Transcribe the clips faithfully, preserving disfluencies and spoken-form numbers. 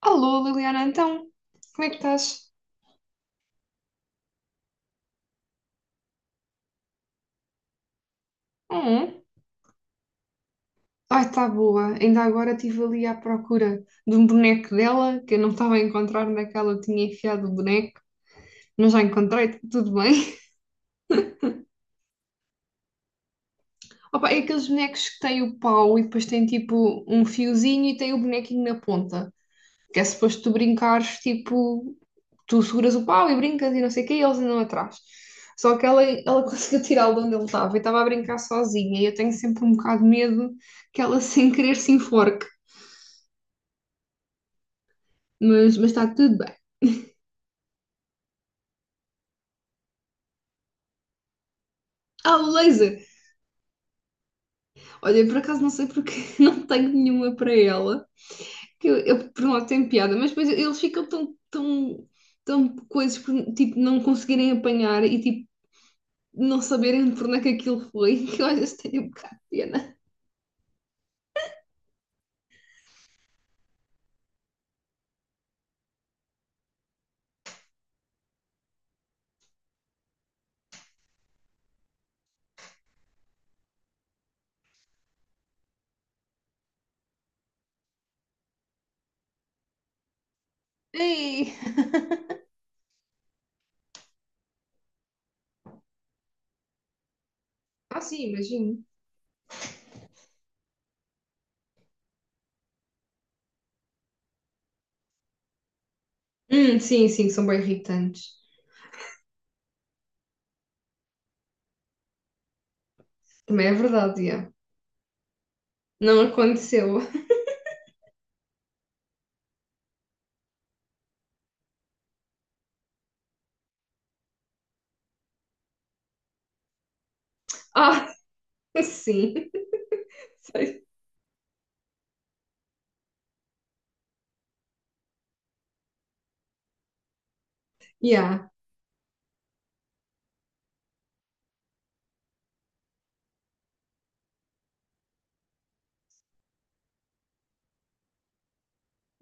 Alô, Liliana, então, como é que estás? Hum, ai, está boa. Ainda agora estive ali à procura de um boneco dela, que eu não estava a encontrar naquela eu tinha enfiado o boneco, mas já encontrei, tá tudo bem. Opa, é aqueles bonecos que têm o pau e depois tem tipo um fiozinho e tem o bonequinho na ponta. Que é suposto tu brincares, tipo, tu seguras o pau e brincas e não sei o quê, e eles andam atrás. Só que ela, ela conseguiu tirá-lo de onde ele estava e estava a brincar sozinha. E eu tenho sempre um bocado de medo que ela, sem querer, se enforque. Mas, mas está tudo bem. Ah, o laser! Olha, eu por acaso não sei porque não tenho nenhuma para ela. Que Eu, eu, por um lado, tenho piada, mas depois eles ficam tão, tão, tão coisas por, tipo, não conseguirem apanhar e, tipo, não saberem por onde é que aquilo foi, que eu às vezes tenho um bocado de pena. Ei! Ah, sim, imagino. Hum, sim, sim, são bem irritantes. Também é verdade, yeah. Não aconteceu. Ah, sim. Sei. Yeah.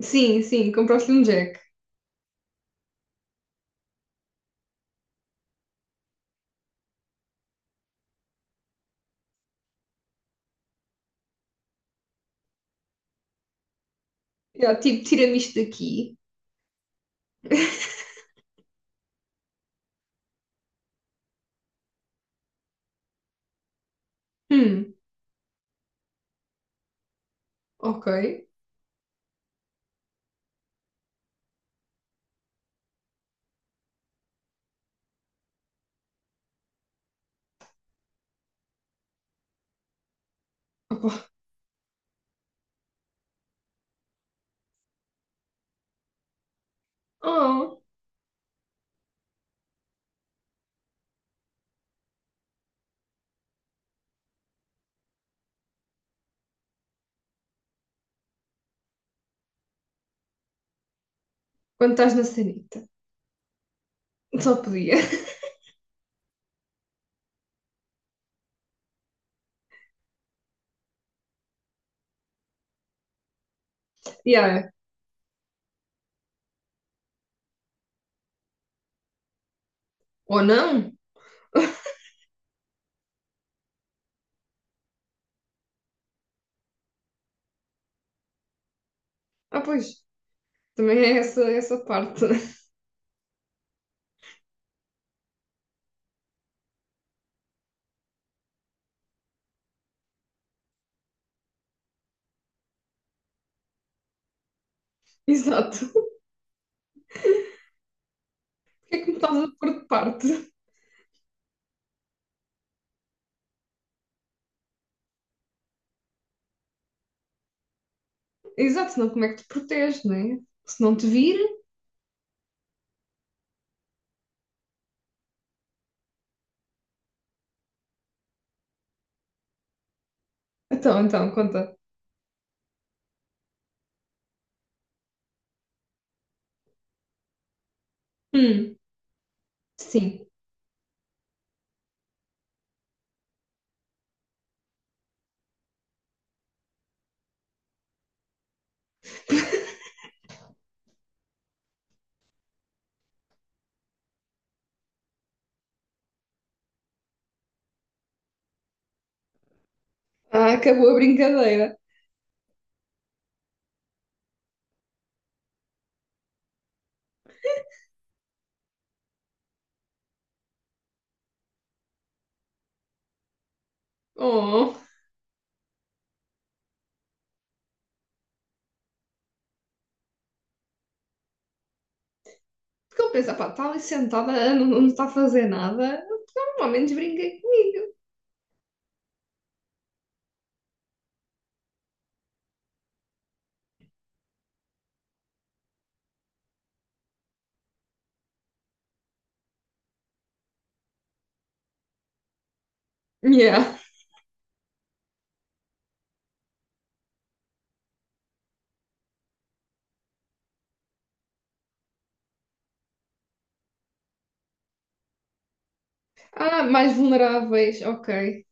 Sim, sim, compraste um Jack. Yeah, tipo, tira-me isto daqui. Hum, ok. Opa. Oh, quando estás na sanita. Só podia. Yeah. Ou não? Ah, pois. Também é essa, essa parte. Exato. Porquê é que me estás a pôr de parte? Exato, senão como é que te proteges, não é? Se não te vir. Então, então, conta. Hum, sim. Ah, acabou a brincadeira. Oh, porque ele pensa, pá, está ali sentada, não, não está a fazer nada. Normalmente brinca comigo. Yeah. Ah, mais vulneráveis, ok.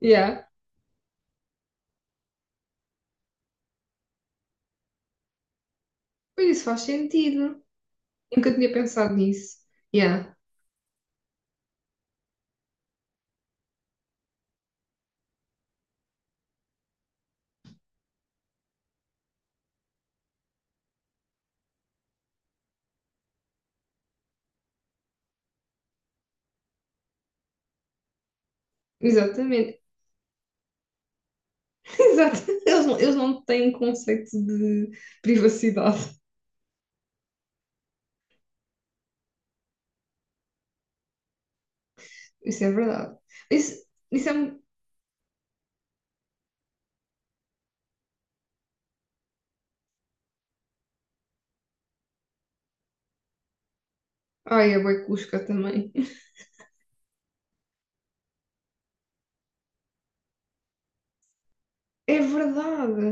Yeah. Pois isso faz sentido. Nunca tinha pensado nisso. Yeah. Exatamente. Exato. Eles não, eles não têm conceito de privacidade. Isso é verdade. Isso, isso é... um- Ai, é bué cusca também. É verdade.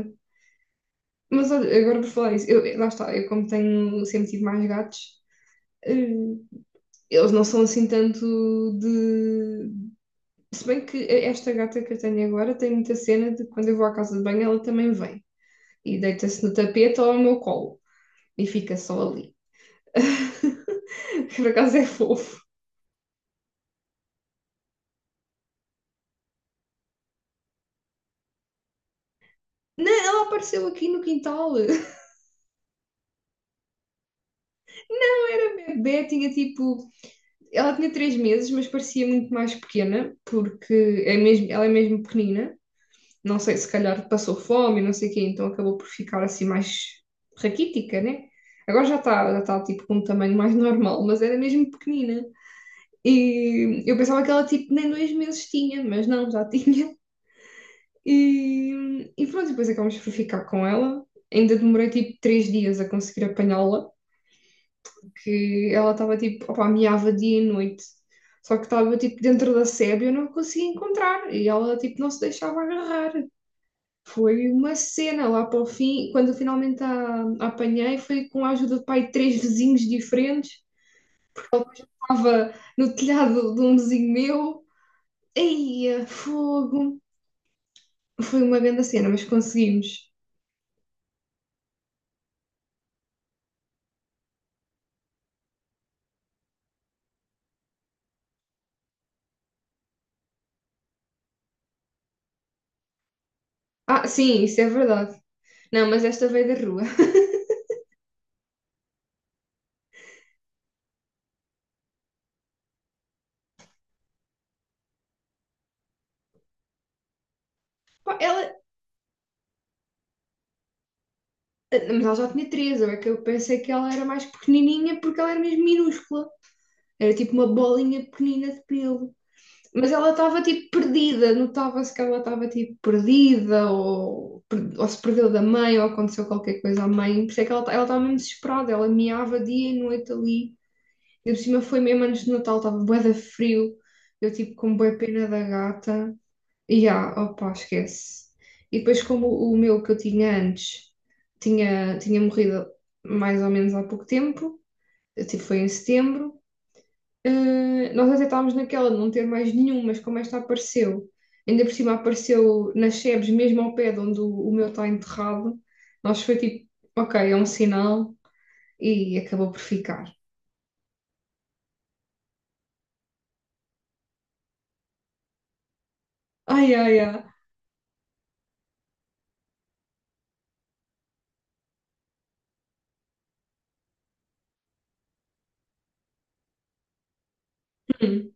Mas olha, agora por falar isso, eu, lá está, eu como tenho sempre tive mais gatos, eh, eles não são assim tanto de. Se bem que esta gata que eu tenho agora tem muita cena de quando eu vou à casa de banho, ela também vem e deita-se no tapete ou ao meu colo e fica só ali. Por acaso é fofo. Não, ela apareceu aqui no quintal. Não era bebê, tinha tipo. Ela tinha três meses, mas parecia muito mais pequena, porque é mesmo, ela é mesmo pequenina. Não sei, se calhar passou fome, não sei o quê, então acabou por ficar assim mais raquítica, né? Agora já está, já está tipo com um tamanho mais normal, mas era mesmo pequenina. E eu pensava que ela tipo nem dois meses tinha, mas não, já tinha. E, e pronto, depois acabamos por ficar com ela. Ainda demorei tipo três dias a conseguir apanhá-la, porque ela estava tipo, opa, miava dia e noite. Só que estava tipo dentro da sebe e eu não conseguia encontrar. E ela tipo não se deixava agarrar. Foi uma cena lá para o fim, quando eu finalmente a, a apanhei, foi com a ajuda de pai de três vizinhos diferentes. Estava no telhado de um vizinho meu. Eia, fogo! Foi uma grande cena, mas conseguimos. Ah, sim, isso é verdade. Não, mas esta veio da rua. Pá, ela, mas ela já tinha treze, é que eu pensei que ela era mais pequenininha porque ela era mesmo minúscula. Era tipo uma bolinha pequenina de pelo. Mas ela estava tipo perdida, notava-se que ela estava tipo perdida, ou, per- ou se perdeu da mãe, ou aconteceu qualquer coisa à mãe. Por isso é que ela ta- ela estava mesmo desesperada, ela miava dia e noite ali. E por cima foi mesmo antes do Natal, estava bué de frio, eu tipo com bué pena da gata. E ah, opa, esquece. E depois, como o o meu que eu tinha antes tinha, tinha morrido mais ou menos há pouco tempo, eu, tipo, foi em setembro. Uh, nós até estávamos naquela de não ter mais nenhum, mas como esta apareceu, ainda por cima apareceu nas sebes, mesmo ao pé de onde o, o meu está enterrado, nós foi tipo, ok, é um sinal e acabou por ficar. Ai, ai, ai. Hum,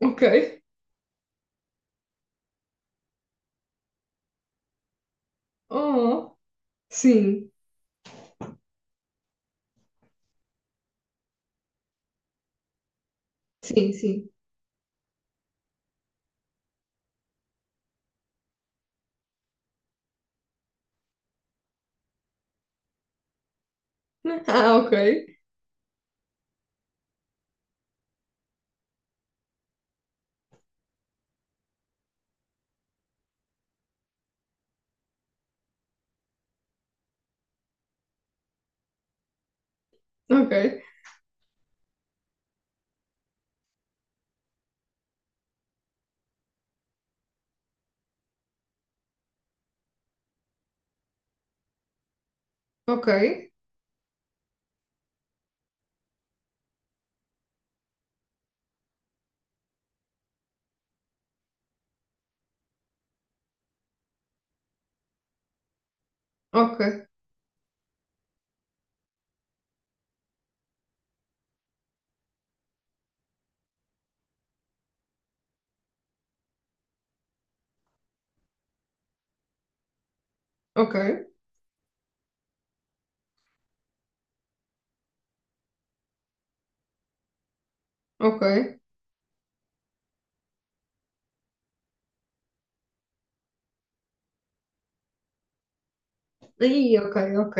ok. Oh, sim, sim, sim. Ah, ok, ok, ok, ok, ok, ok. Ih, ok, ok,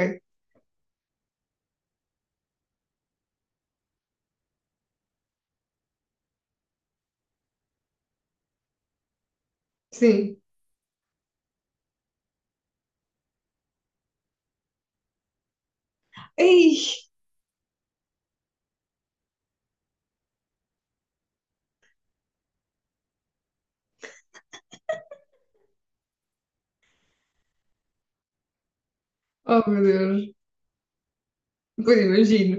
sim. Ei, oh meu Deus, depois imagino.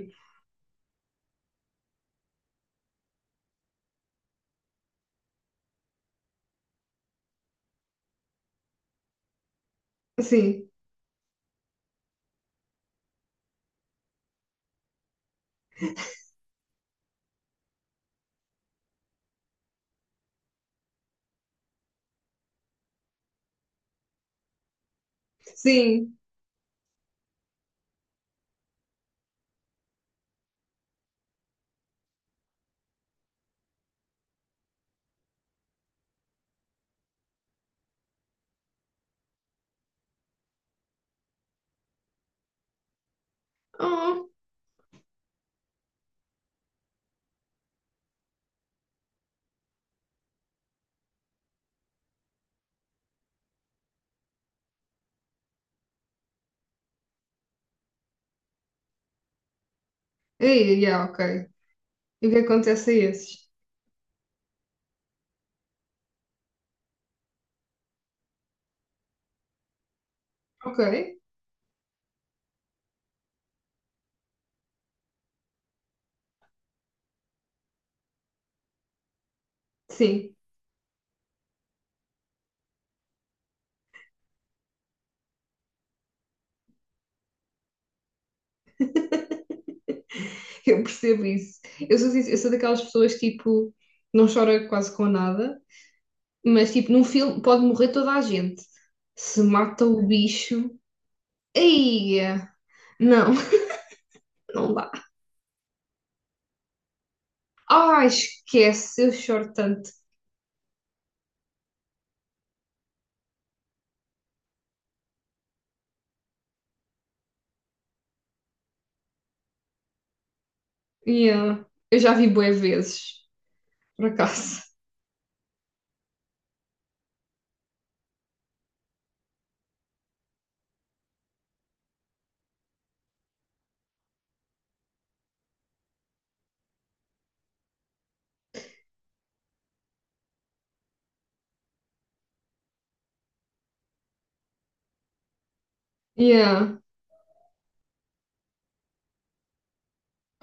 Sim, sim. Oh. Aí, yeah, ok. E o que acontece a esses? Ok, sim, eu percebo isso. Eu sou, sincer- eu sou daquelas pessoas que, tipo, não chora quase com nada, mas, tipo, num filme pode morrer toda a gente. Se mata o bicho, aí, não, não dá. Ah, esquece, eu choro tanto. Yeah. Eu já vi bué vezes, por acaso. Yeah.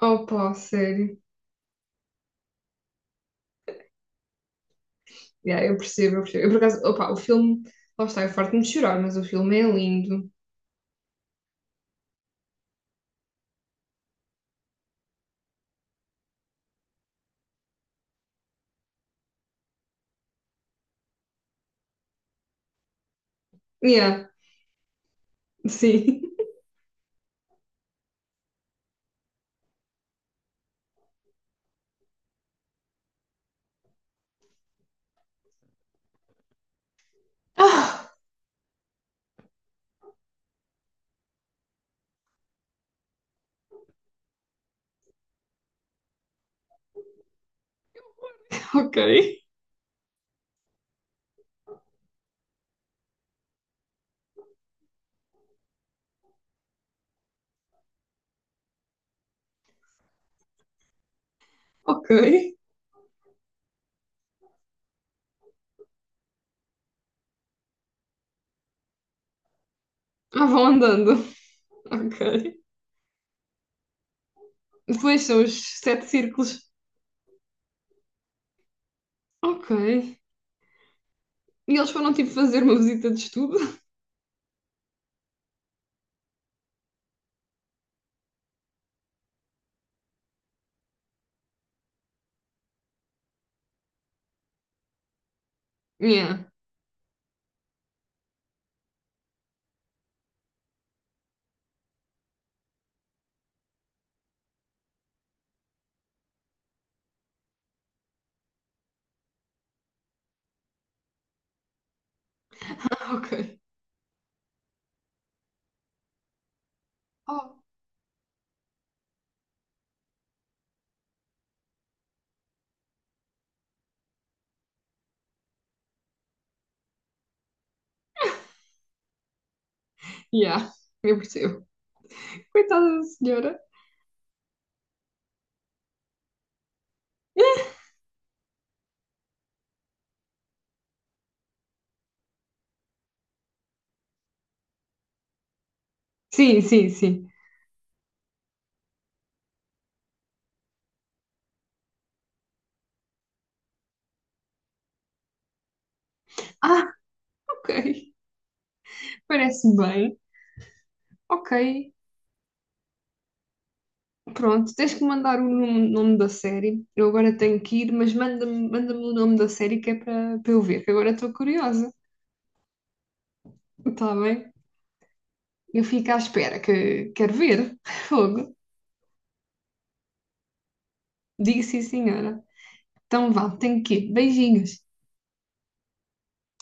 Opa, sério. Yeah, eu percebo, eu percebo. Eu, por acaso, opa, o filme, lá está, eu farto-me de chorar, mas o filme é lindo. Yeah. Sim. Ah, ok, ok. Ah, vão andando. Ok. Depois são os sete círculos. Ok. E eles foram tipo fazer uma visita de estudo? Yeah. Ah, ok. Oh. Yeah. Eu percebo. Coitada da senhora. Sim, sim, sim. Ah, ok. Parece bem. Ok. Pronto, tens que mandar o nome, nome da série. Eu agora tenho que ir, mas manda-me manda-me o nome da série que é para para eu ver, que agora estou curiosa. Está bem? Eu fico à espera que quero ver. Fogo. Digo sim, senhora. Então vá, tenho que ir. Beijinhos.